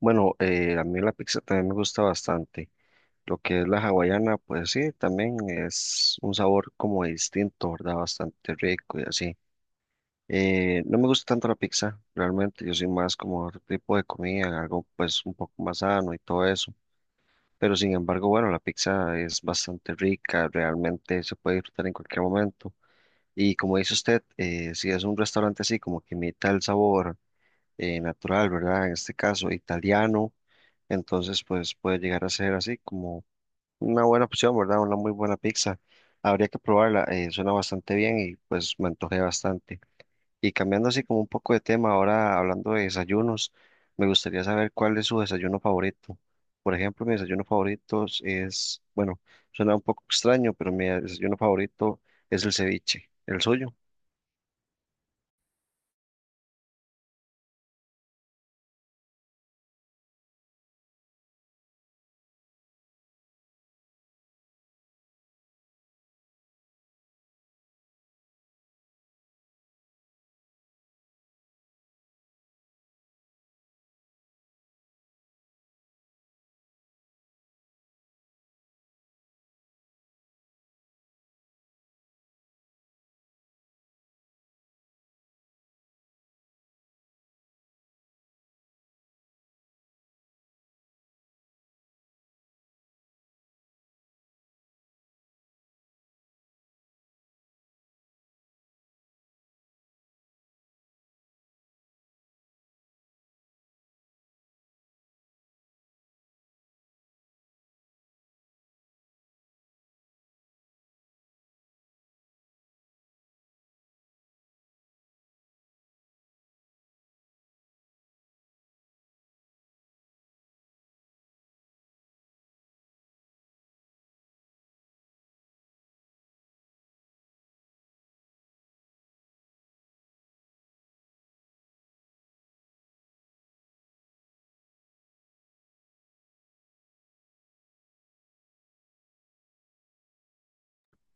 Bueno, a mí la pizza también me gusta bastante. Lo que es la hawaiana, pues sí, también es un sabor como distinto, ¿verdad? Bastante rico y así. No me gusta tanto la pizza, realmente. Yo soy más como otro tipo de comida, algo pues un poco más sano y todo eso. Pero sin embargo, bueno, la pizza es bastante rica, realmente se puede disfrutar en cualquier momento. Y como dice usted, si es un restaurante así como que imita el sabor natural, ¿verdad? En este caso, italiano entonces, pues puede llegar a ser así como una buena opción, ¿verdad? Una muy buena pizza. Habría que probarla, suena bastante bien y pues me antojé bastante. Y cambiando así como un poco de tema, ahora hablando de desayunos, me gustaría saber cuál es su desayuno favorito. Por ejemplo, mi desayuno favorito es, bueno, suena un poco extraño, pero mi desayuno favorito es el ceviche, el suyo.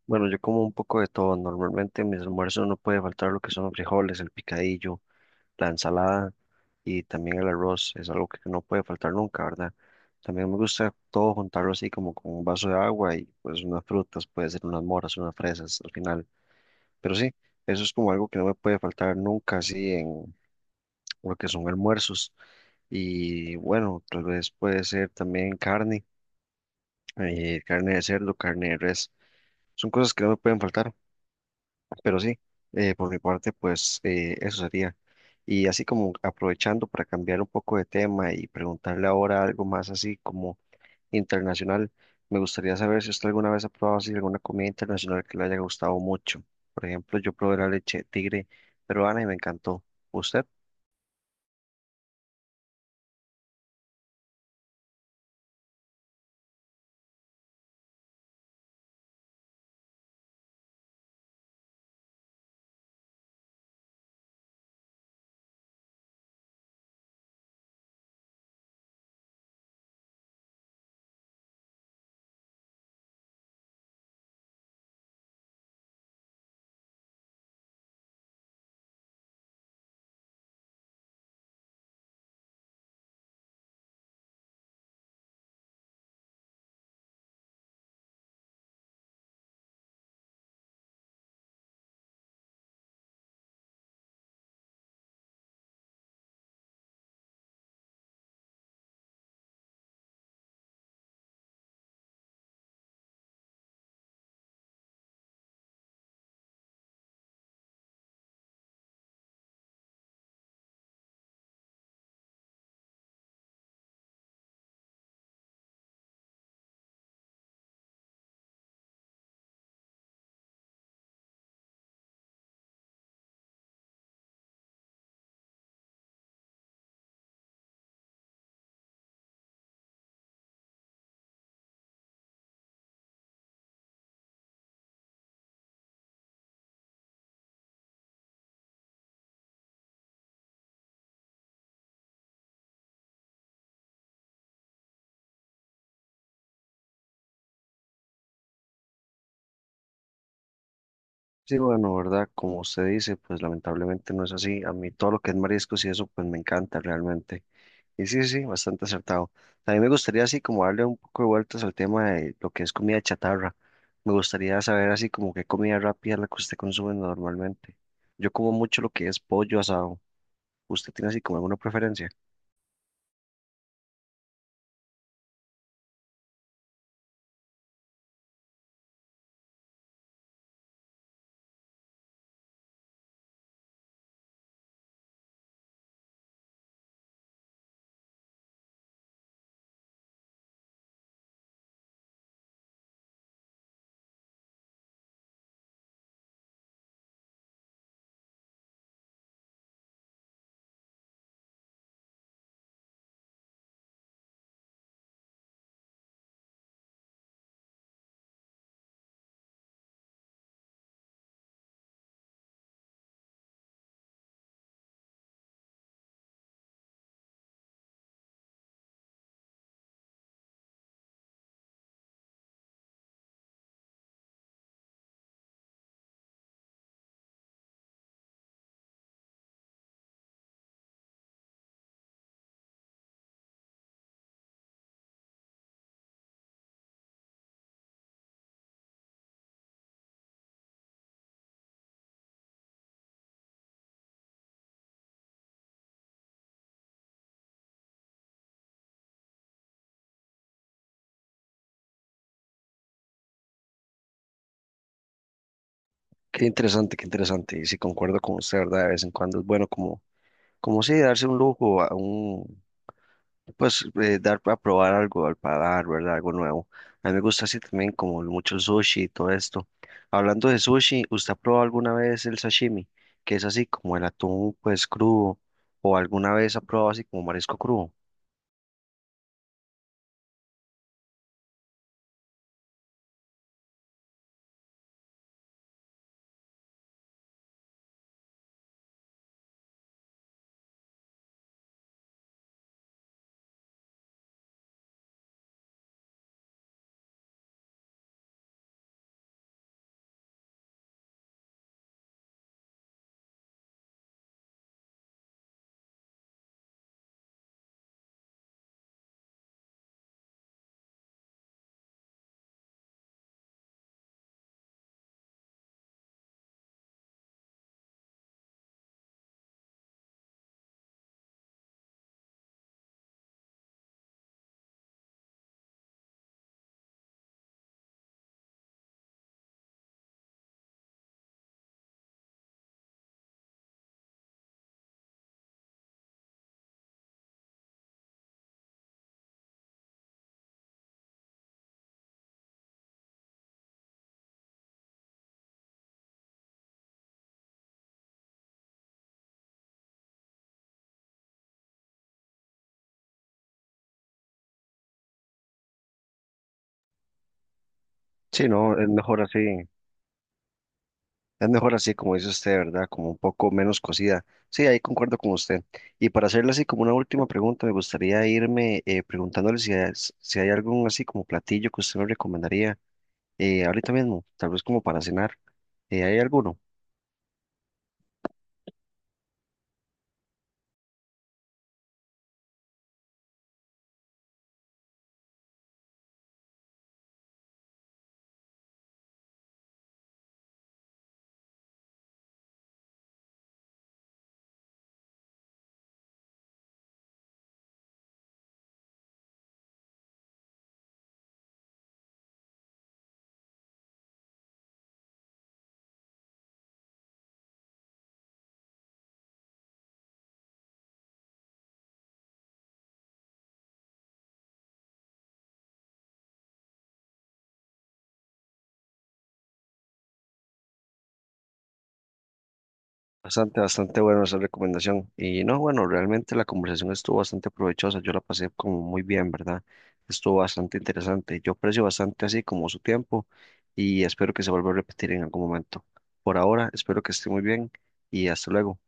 Bueno, yo como un poco de todo. Normalmente en mis almuerzos no puede faltar lo que son los frijoles, el picadillo, la ensalada y también el arroz es algo que no puede faltar nunca, ¿verdad? También me gusta todo juntarlo así como con un vaso de agua y pues unas frutas, puede ser unas moras, unas fresas al final. Pero sí, eso es como algo que no me puede faltar nunca así en lo que son almuerzos. Y bueno, tal vez puede ser también carne, carne de cerdo, carne de res. Son cosas que no me pueden faltar. Pero sí, por mi parte, pues eso sería. Y así como aprovechando para cambiar un poco de tema y preguntarle ahora algo más así como internacional, me gustaría saber si usted alguna vez ha probado así alguna comida internacional que le haya gustado mucho. Por ejemplo, yo probé la leche de tigre peruana y me encantó. ¿Usted? Sí, bueno, ¿verdad? Como usted dice, pues lamentablemente no es así. A mí todo lo que es mariscos y eso, pues me encanta realmente. Y sí, sí, bastante acertado. A mí me gustaría así como darle un poco de vueltas al tema de lo que es comida chatarra. Me gustaría saber así como qué comida rápida es la que usted consume normalmente. Yo como mucho lo que es pollo asado. ¿Usted tiene así como alguna preferencia? Qué interesante, qué interesante. Y sí, concuerdo con usted, ¿verdad? De vez en cuando es bueno como, como sí, darse un lujo, a un, pues dar a probar algo al paladar, ¿verdad? Algo nuevo. A mí me gusta así también como mucho sushi y todo esto. Hablando de sushi, ¿usted ha probado alguna vez el sashimi? Que es así como el atún pues crudo o alguna vez ha probado así como marisco crudo. Sí, no, es mejor así. Es mejor así como dice usted, ¿verdad? Como un poco menos cocida. Sí, ahí concuerdo con usted. Y para hacerle así como una última pregunta, me gustaría irme preguntándole si hay algún así como platillo que usted me recomendaría ahorita mismo, tal vez como para cenar. Hay alguno. Bastante, bastante bueno esa recomendación. Y no, bueno, realmente la conversación estuvo bastante provechosa. Yo la pasé como muy bien, ¿verdad? Estuvo bastante interesante. Yo aprecio bastante así como su tiempo y espero que se vuelva a repetir en algún momento. Por ahora, espero que esté muy bien y hasta luego.